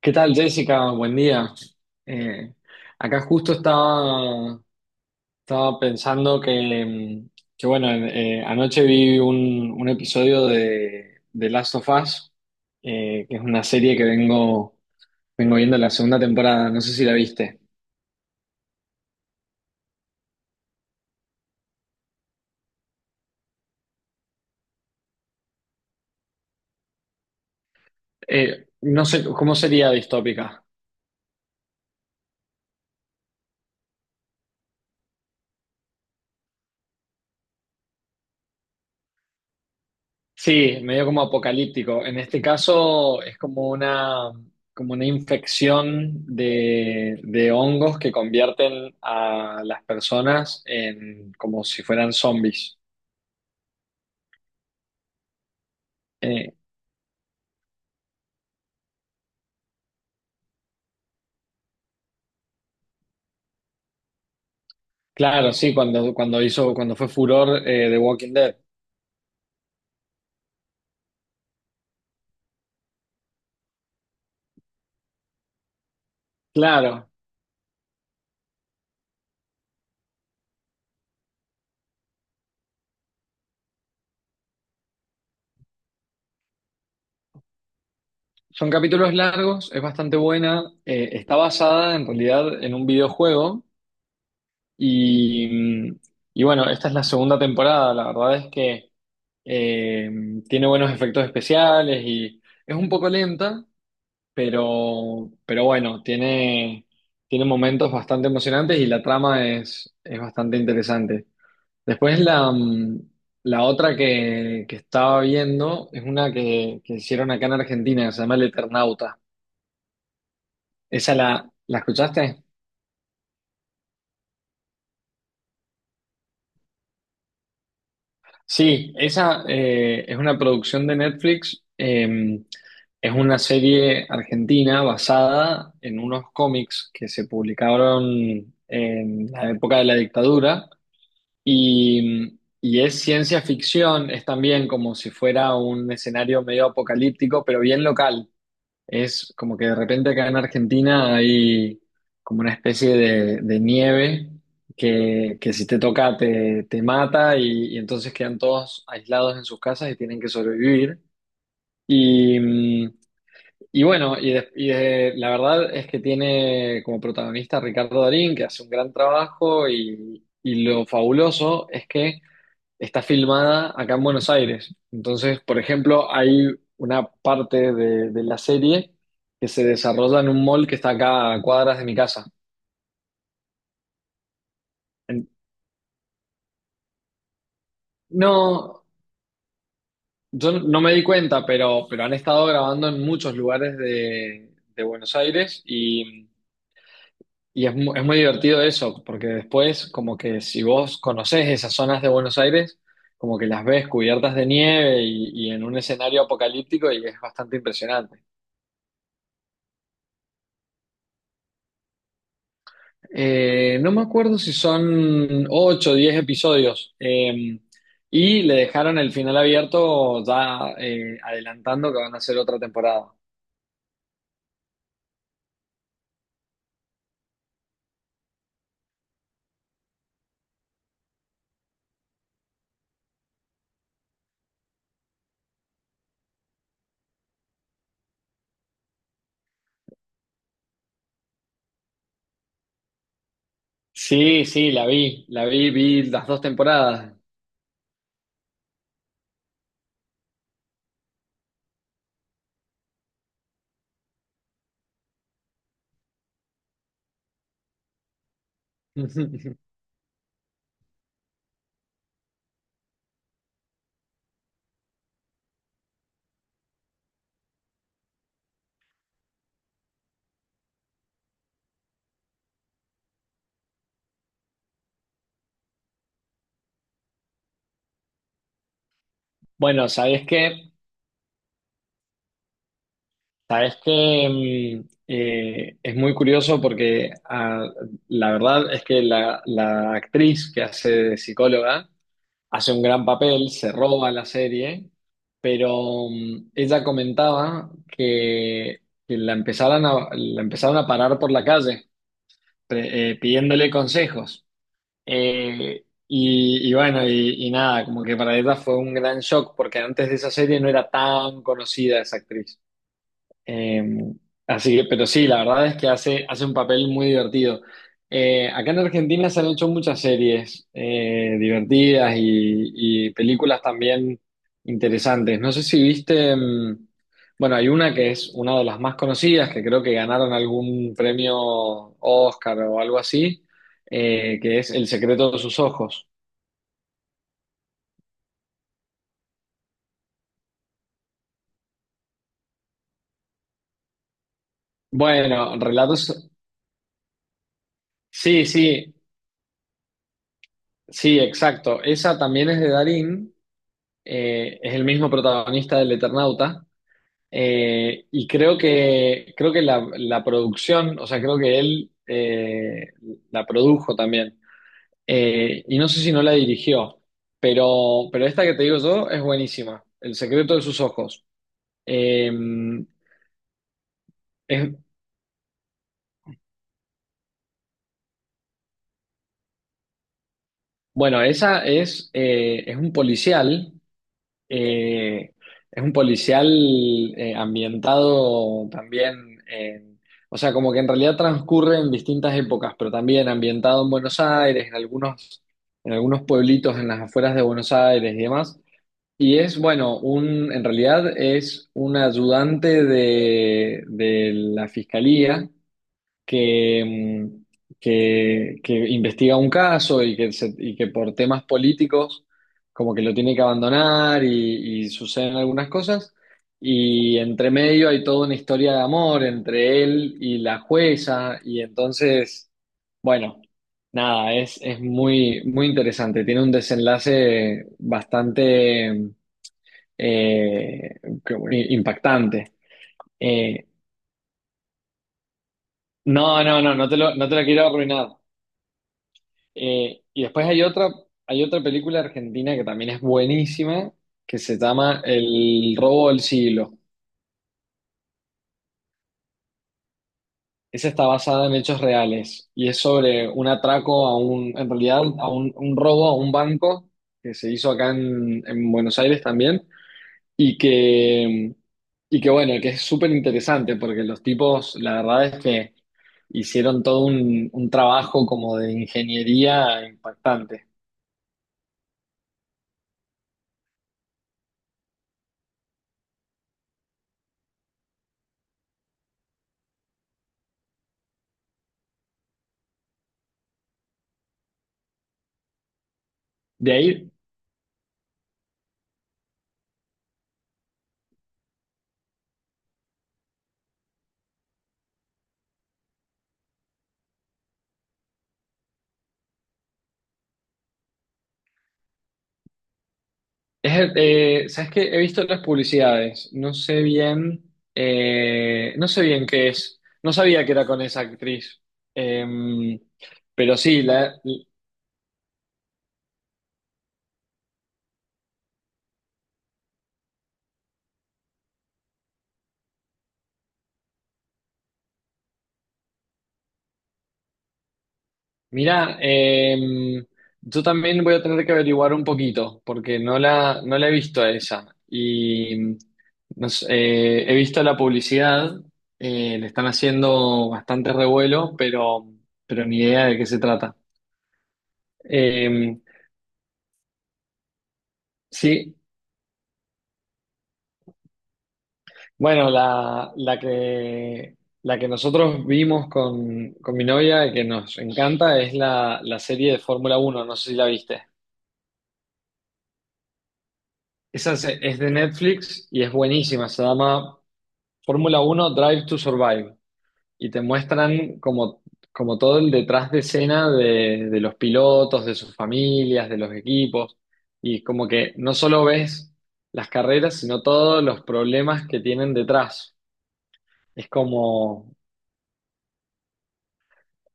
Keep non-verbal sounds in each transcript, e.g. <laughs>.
¿Qué tal, Jessica? Buen día. Eh, Acá justo estaba pensando mm, que bueno, anoche vi un episodio de Last of Us, que es una serie que vengo viendo la segunda temporada, no sé si la viste. No sé, ¿cómo sería distópica? Sí, medio como apocalíptico. En este caso es como como una infección de hongos que convierten a las personas en como si fueran zombies. Eh, claro, sí, cuando fue furor The Walking Dead. Claro, son capítulos largos, es bastante buena. Está basada en realidad en un videojuego y, y bueno, esta es la segunda temporada. La verdad es que Eh, tiene buenos efectos especiales y es un poco lenta, pero bueno, tiene momentos bastante emocionantes y la trama es bastante interesante. Después la otra que estaba viendo es una que hicieron acá en Argentina, que se llama El Eternauta. ¿Esa la escuchaste? Sí, esa es una producción de Netflix. Es una serie argentina basada en unos cómics que se publicaron en la época de la dictadura y es ciencia ficción, es también como si fuera un escenario medio apocalíptico, pero bien local. Es como que de repente acá en Argentina hay como una especie de nieve que si te toca te mata y entonces quedan todos aislados en sus casas y tienen que sobrevivir. Y, mm, y bueno, la verdad es que tiene como protagonista a Ricardo Darín, que hace un gran trabajo y lo fabuloso es que está filmada acá en Buenos Aires. Entonces, por ejemplo, hay una parte de la serie que se desarrolla en un mall que está acá a cuadras de mi casa. En- no, yo no me di cuenta, pero han estado grabando en muchos lugares de Buenos Aires y es, es muy divertido eso, porque después como que si vos conocés esas zonas de Buenos Aires, como que las ves cubiertas de nieve y en un escenario apocalíptico y es bastante impresionante. No me acuerdo si son 8, o 10 episodios. Y le dejaron el final abierto ya adelantando que van a hacer otra temporada. Sí, sí, la vi, vi las dos temporadas. <laughs> Bueno, sabes que es muy curioso porque ah, la verdad es que la actriz que hace de psicóloga hace un gran papel, se roba la serie, pero ella comentaba que la empezaron a parar por la calle pidiéndole consejos. Eh, y, y bueno, y nada, como que para ella fue un gran shock porque antes de esa serie no era tan conocida esa actriz. Eh, Así que, pero sí, la verdad es que hace un papel muy divertido. Acá en Argentina se han hecho muchas series divertidas y películas también interesantes. No sé si viste. Bueno, hay una que es una de las más conocidas, que creo que ganaron algún premio Oscar o algo así, que es El secreto de sus ojos. Bueno, relatos. Sí, sí, sí, exacto. Esa también es de Darín es el mismo protagonista del Eternauta, y creo que la producción, o sea, creo que él la produjo también. Y no sé si no la dirigió, pero esta que te digo yo es buenísima, El secreto de sus ojos. Eh, es, bueno, es un policial. Eh, es un policial ambientado también en, o sea, como que en realidad transcurre en distintas épocas, pero también ambientado en Buenos Aires, en algunos pueblitos en las afueras de Buenos Aires y demás. Y es, bueno, un, en realidad es un ayudante de la fiscalía que, mm, que que, investiga un caso y que por temas políticos como que lo tiene que abandonar y suceden algunas cosas. Y entre medio hay toda una historia de amor entre él y la jueza. Y entonces, bueno, nada, es muy, muy interesante. Tiene un desenlace bastante eh, impactante. Eh, no, no, no, no te lo quiero arruinar. Y después hay otra película argentina que también es buenísima, que se llama El robo del siglo. Esa está basada en hechos reales y es sobre un atraco a un un, robo a un banco que se hizo acá en Buenos Aires también y que, y que bueno, que es súper interesante porque los tipos, la verdad es que hicieron todo un trabajo como de ingeniería impactante. De ahí, es ¿sabes qué? He visto las publicidades, no sé bien, no sé bien qué es, no sabía que era con esa actriz. Em, pero sí, mira, yo también voy a tener que averiguar un poquito, porque no la he visto a esa, y no sé, he visto la publicidad, le están haciendo bastante revuelo, pero ni idea de qué se trata. Em, sí. Bueno, la que nosotros vimos con mi novia y que nos encanta es la serie de Fórmula Uno. No sé si la viste. Es de Netflix y es buenísima, se llama Fórmula Uno: Drive to Survive y te muestran como, como todo el detrás de escena de los pilotos, de sus familias, de los equipos y como que no solo ves las carreras, sino todos los problemas que tienen detrás. Es como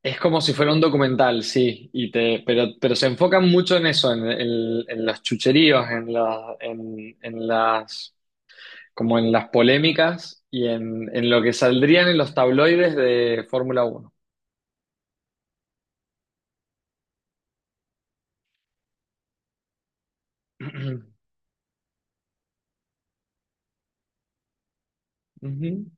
Es como si fuera un documental, sí, y te, pero se enfocan mucho en eso, en los chucheríos, en las, como en las polémicas y en lo que saldrían en los tabloides de Fórmula uno. <clears throat> Ujú.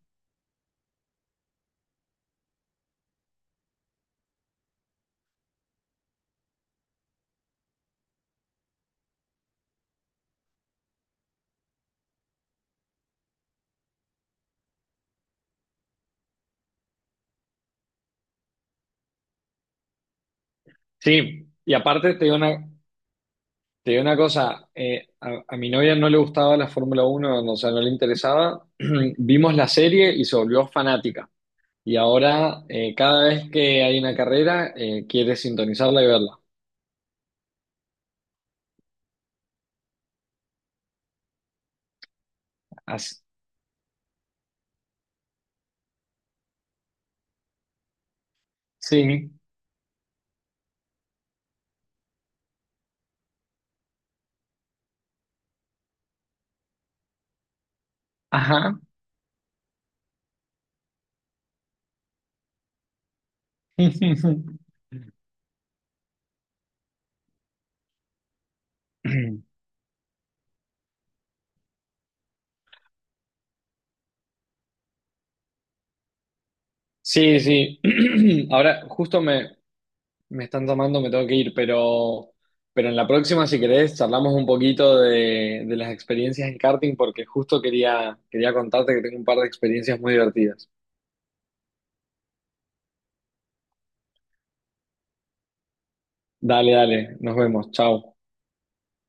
Sí, y aparte te digo una cosa, a mi novia no le gustaba la Fórmula uno, o sea, no le interesaba. <clears throat> Vimos la serie y se volvió fanática. Y ahora, cada vez que hay una carrera, quiere sintonizarla y verla. As- sí, ajá. <laughs> Sí, sí. <clears throat> Ahora me están tomando, me tengo que ir, pero en la próxima, si querés, charlamos un poquito de las experiencias en karting, porque quería contarte que tengo un par de experiencias muy divertidas. Dale, dale, nos vemos, chao.